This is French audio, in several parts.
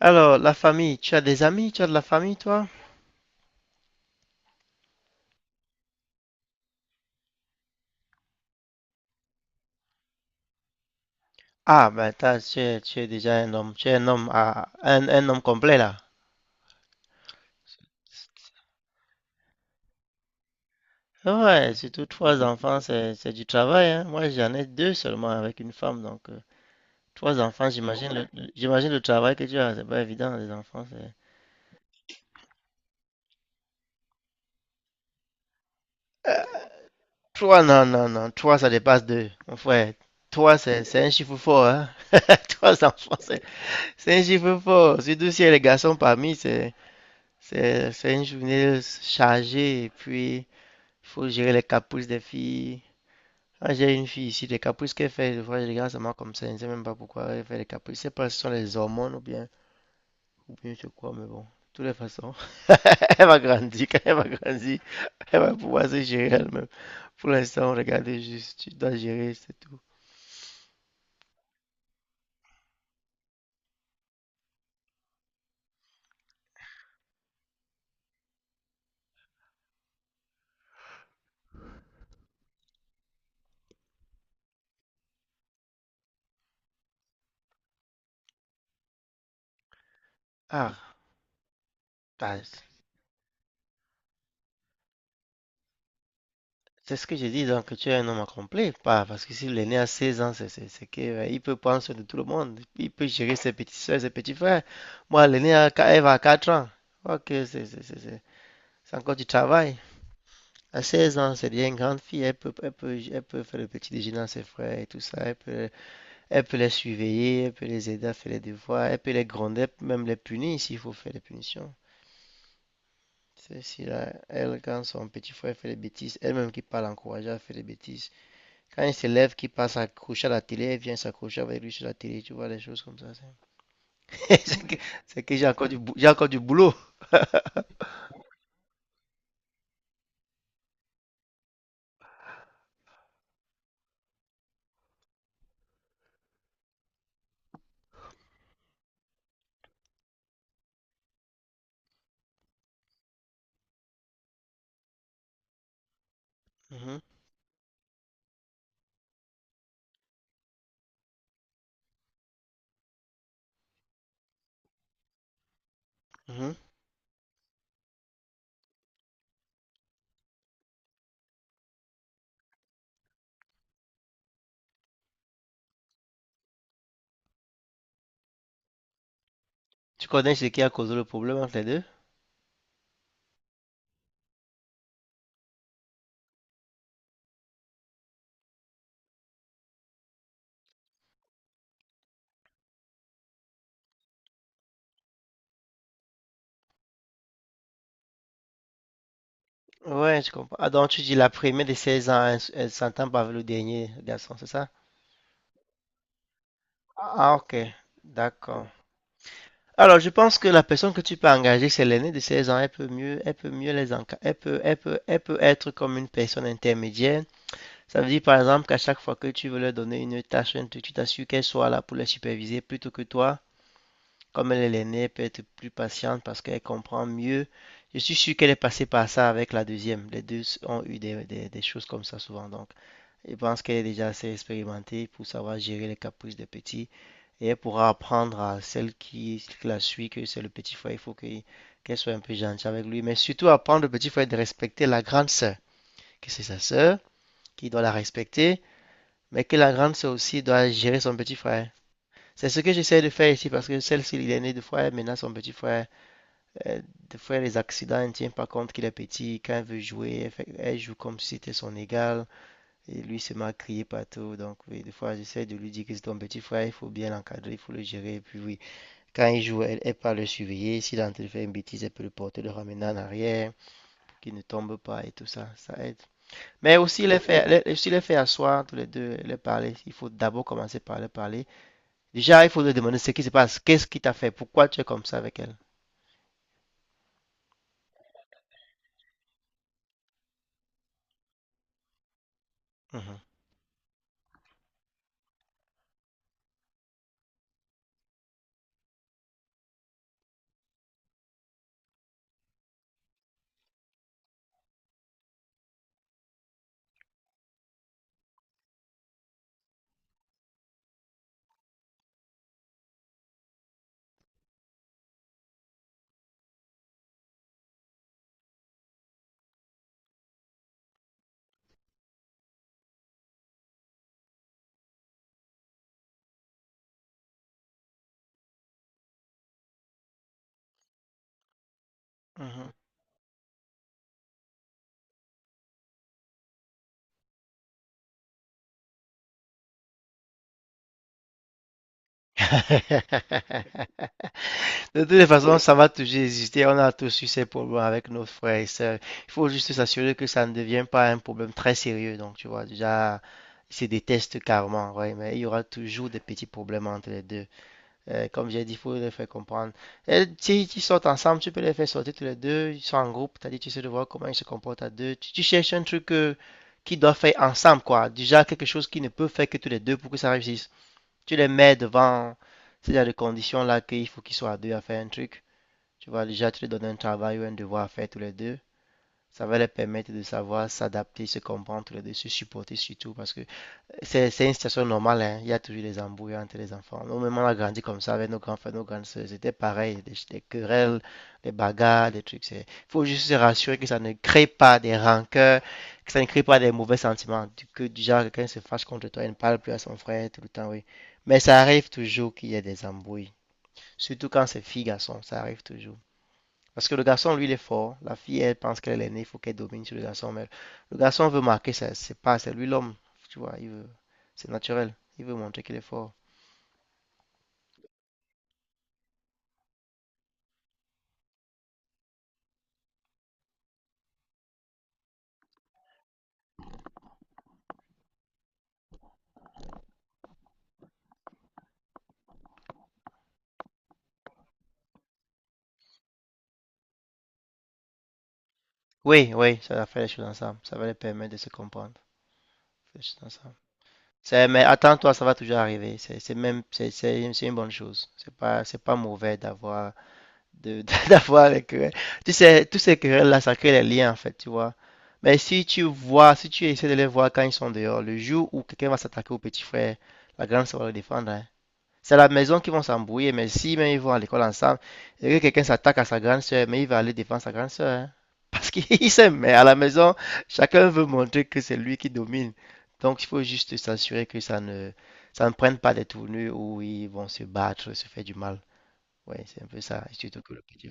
Alors, la famille, tu as des amis, tu as de la famille, toi? Ah, ben, t'as, tu es déjà un homme, tu es un homme, à, un homme complet, là. Ouais, surtout trois enfants, c'est du travail, hein. Moi, j'en ai deux seulement avec une femme, donc, trois enfants, j'imagine j'imagine le travail que tu as, c'est pas évident, les enfants, c'est… Trois, non, non, non, trois, ça dépasse deux, mon frère. Trois, c'est un chiffre fort, hein. Trois enfants, c'est un chiffre fort. Surtout s'il y a les garçons parmi, c'est une journée chargée, et puis… faut gérer les caprices des filles. Ah, j'ai une fille ici, les caprices qu'elle fait, des fois je regarde seulement comme ça, je ne sais même pas pourquoi elle fait les caprices. Je sais pas si ce sont les hormones ou bien, je sais quoi, mais bon. De toutes les façons, elle va grandir, quand elle va grandir, elle va pouvoir se gérer elle-même. Pour l'instant, regardez juste, tu dois gérer, c'est tout. Ah, bah, c'est ce que j'ai dit, donc tu es un homme accompli, pas parce que s'il est né à 16 ans, il peut prendre soin de tout le monde, il peut gérer ses petites soeurs, ses petits frères. Moi, elle est née à, elle va à 4 ans, ok, c'est encore du travail. À 16 ans, c'est déjà une grande fille, elle peut faire le petit déjeuner à ses frères et tout ça, elle peut les surveiller, elle peut les aider à faire les devoirs, elle peut les gronder, elle peut même les punir s'il faut faire des punitions. C'est si là, elle, quand son petit frère fait des bêtises, elle-même qui parle l'encourager à faire des bêtises. Quand il s'élève, qui passe accroché à la télé, elle vient s'accrocher avec lui sur la télé, tu vois, des choses comme ça. C'est que, c'est que j'ai encore du boulot. Mhm, mhm. Tu connais ce qui a causé le problème entre les deux? Ouais, je comprends. Ah, donc tu dis la première de 16 ans, elle, elle s'entend pas avec le dernier garçon, c'est ça? Ah, ok, d'accord. Alors, je pense que la personne que tu peux engager, c'est l'aînée de 16 ans. Elle peut mieux Elle peut, elle peut être comme une personne intermédiaire. Ça veut dire par exemple qu'à chaque fois que tu veux leur donner une tâche, un truc, tu t'assures qu'elle soit là pour la superviser plutôt que toi. Comme elle est l'aînée, elle peut être plus patiente parce qu'elle comprend mieux. Je suis sûr qu'elle est passée par ça avec la deuxième. Les deux ont eu des choses comme ça souvent. Donc, je pense qu'elle est déjà assez expérimentée pour savoir gérer les caprices des petits. Et elle pourra apprendre à celle qui, la suit que c'est le petit frère. Qu'elle soit un peu gentille avec lui. Mais surtout apprendre au petit frère de respecter la grande sœur, que c'est sa sœur, qui doit la respecter mais que la grande sœur aussi doit gérer son petit frère. C'est ce que j'essaie de faire ici parce que celle-ci, il est né de frère, maintenant son petit frère, euh, des fois les accidents, elle ne tient pas compte qu'il est petit, quand elle veut jouer, elle joue comme si c'était son égal, et lui se met à crier partout, donc oui, des fois j'essaie de lui dire que c'est ton petit frère, il faut bien l'encadrer, il faut le gérer, et puis oui, quand il joue, elle, elle pas le surveiller, s'il est en train de faire une bêtise, elle peut le porter, le ramener en arrière, qu'il ne tombe pas et tout ça, ça aide. Mais aussi les faire, les, aussi les faire asseoir tous les deux, les parler, il faut d'abord commencer par les parler. Déjà, il faut te demander ce qui se passe. Qu'est-ce qui t'a fait? Pourquoi tu es comme ça avec elle? Mhm, mhm. De toutes les façons, ça va toujours exister. On a tous eu ces problèmes avec nos frères et sœurs. Il faut juste s'assurer que ça ne devient pas un problème très sérieux. Donc, tu vois, déjà, ils se détestent carrément, ouais, mais il y aura toujours des petits problèmes entre les deux. Comme j'ai dit, il faut les faire comprendre. Et si ils sortent ensemble, tu peux les faire sortir tous les deux. Ils sont en groupe, t'as dit, tu sais de voir comment ils se comportent à deux. Tu cherches un truc qu'ils doivent faire ensemble, quoi. Déjà, quelque chose qu'ils ne peuvent faire que tous les deux pour que ça réussisse. Tu les mets devant ces genre de conditions-là qu'il faut qu'ils soient à deux à faire un truc. Tu vois, déjà, tu leur donnes un travail ou un devoir à faire tous les deux. Ça va leur permettre de savoir s'adapter, se comprendre tous les deux, se supporter surtout parce que c'est une situation normale, hein. Il y a toujours des embrouilles entre les enfants. Nous-mêmes, on a grandi comme ça avec nos grands frères, nos grandes sœurs. C'était pareil, des querelles, des bagarres, des trucs. Il faut juste se rassurer que ça ne crée pas des rancœurs, que ça ne crée pas des mauvais sentiments. Du genre, quelqu'un se fâche contre toi il ne parle plus à son frère tout le temps, oui. Mais ça arrive toujours qu'il y ait des embrouilles. Surtout quand c'est filles, garçons, ça arrive toujours. Parce que le garçon, lui, il est fort. La fille, elle pense qu'elle est née, il faut qu'elle domine sur le garçon. Mais le garçon veut marquer, ça, c'est pas, c'est lui l'homme. Tu vois, c'est naturel. Il veut montrer qu'il est fort. Oui, oui, ça va faire les choses ensemble. Ça va les permettre de se comprendre. Faire les choses ensemble. Mais attends-toi, ça va toujours arriver. C'est une bonne chose. C'est pas mauvais d'avoir. De, d'avoir les querelles. Tu sais, tous ces querelles-là, ça crée les liens, en fait, tu vois. Si tu essaies de les voir quand ils sont dehors, le jour où quelqu'un va s'attaquer au petit frère, la grande sœur va le défendre, hein. C'est à la maison qu'ils vont s'embrouiller, mais si même ils vont à l'école ensemble, et que quelqu'un s'attaque à sa grande sœur, mais il va aller défendre sa grande sœur, hein. Parce qu'ils s'aiment, mais à la maison, chacun veut montrer que c'est lui qui domine. Donc il faut juste s'assurer que ça ne prenne pas des tournures où ils vont se battre, se faire du mal. Ouais, c'est un peu ça. Et surtout que le petit…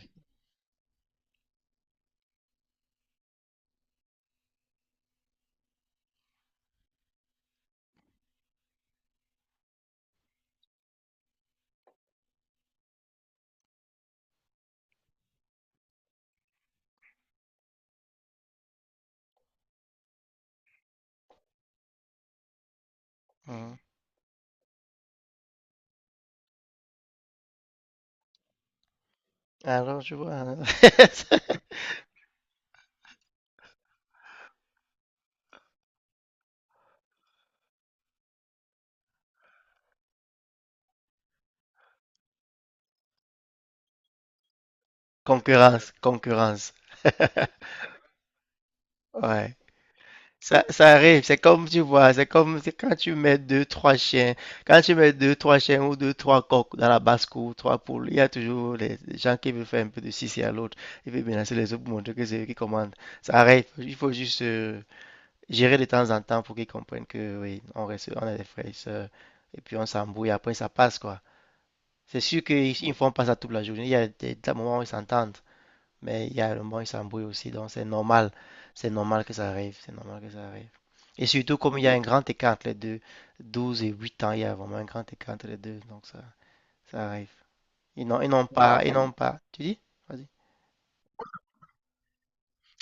Mhm. Alors, je vois, hein. Concurrence, concurrence. Ouais. Ça arrive, c'est comme tu vois, c'est comme c'est quand tu mets deux, trois chiens ou deux, trois coqs dans la basse-cour, trois poules, il y a toujours les gens qui veulent faire un peu de sissi à l'autre, ils veulent menacer les autres pour montrer que c'est eux qui commandent. Ça arrive, il faut juste gérer de temps en temps pour qu'ils comprennent que oui, on reste, on est des frères et sœurs, et puis on s'embrouille, après ça passe quoi. C'est sûr qu'ils ils ne font pas ça toute la journée, il y a des moments où ils s'entendent. Mais il y a le moment, il s'embrouille aussi, donc c'est normal. C'est normal que ça arrive. C'est normal que ça arrive. Et surtout, comme il y a un grand écart entre les deux, 12 et 8 ans, il y a vraiment un grand écart entre les deux, donc ça arrive. Ils n'ont pas. Tu dis? Vas-y.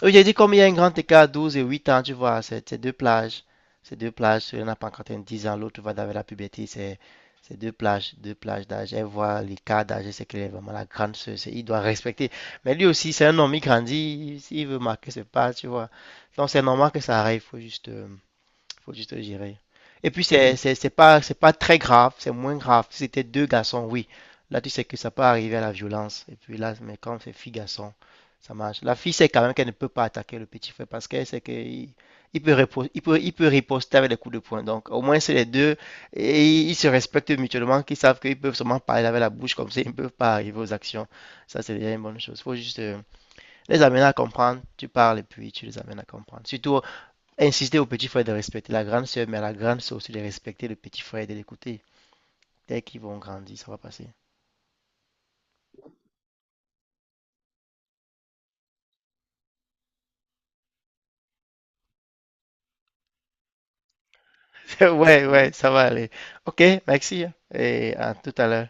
Oui, j'ai dit comme il y a un grand écart, 12 et 8 ans, tu vois, c'est deux plages. Ces deux plages, celui-là n'a pas encore atteint 10 ans, l'autre va vers la puberté, c'est deux plages d'âge. Elle voit l'écart d'âge, c'est qu'elle est vraiment la grande sœur, il doit respecter. Mais lui aussi, c'est un homme, il grandit, s'il veut marquer ce pas, tu vois. Donc c'est normal que ça arrive, faut juste le gérer. Et puis, c'est pas très grave, c'est moins grave. Si c'était deux garçons, oui. Là, tu sais que ça peut arriver à la violence. Et puis là, mais quand c'est fille-garçon, ça marche. La fille sait quand même qu'elle ne peut pas attaquer le petit frère parce qu'elle sait qu'il il peut, il peut riposter avec les coups de poing. Donc, au moins, c'est les deux. Et ils se respectent mutuellement, qu'ils savent qu'ils peuvent seulement parler avec la bouche comme ça, ils ne peuvent pas arriver aux actions. Ça, c'est déjà une bonne chose. Il faut juste les amener à comprendre. Tu parles et puis tu les amènes à comprendre. Surtout insister au petit frère de respecter la grande sœur, mais à la grande sœur aussi de respecter le petit frère et de l'écouter. Dès qu'ils vont grandir, ça va passer. Ouais, ouais, ça va aller. Ok, merci, hein. Et à tout à l'heure.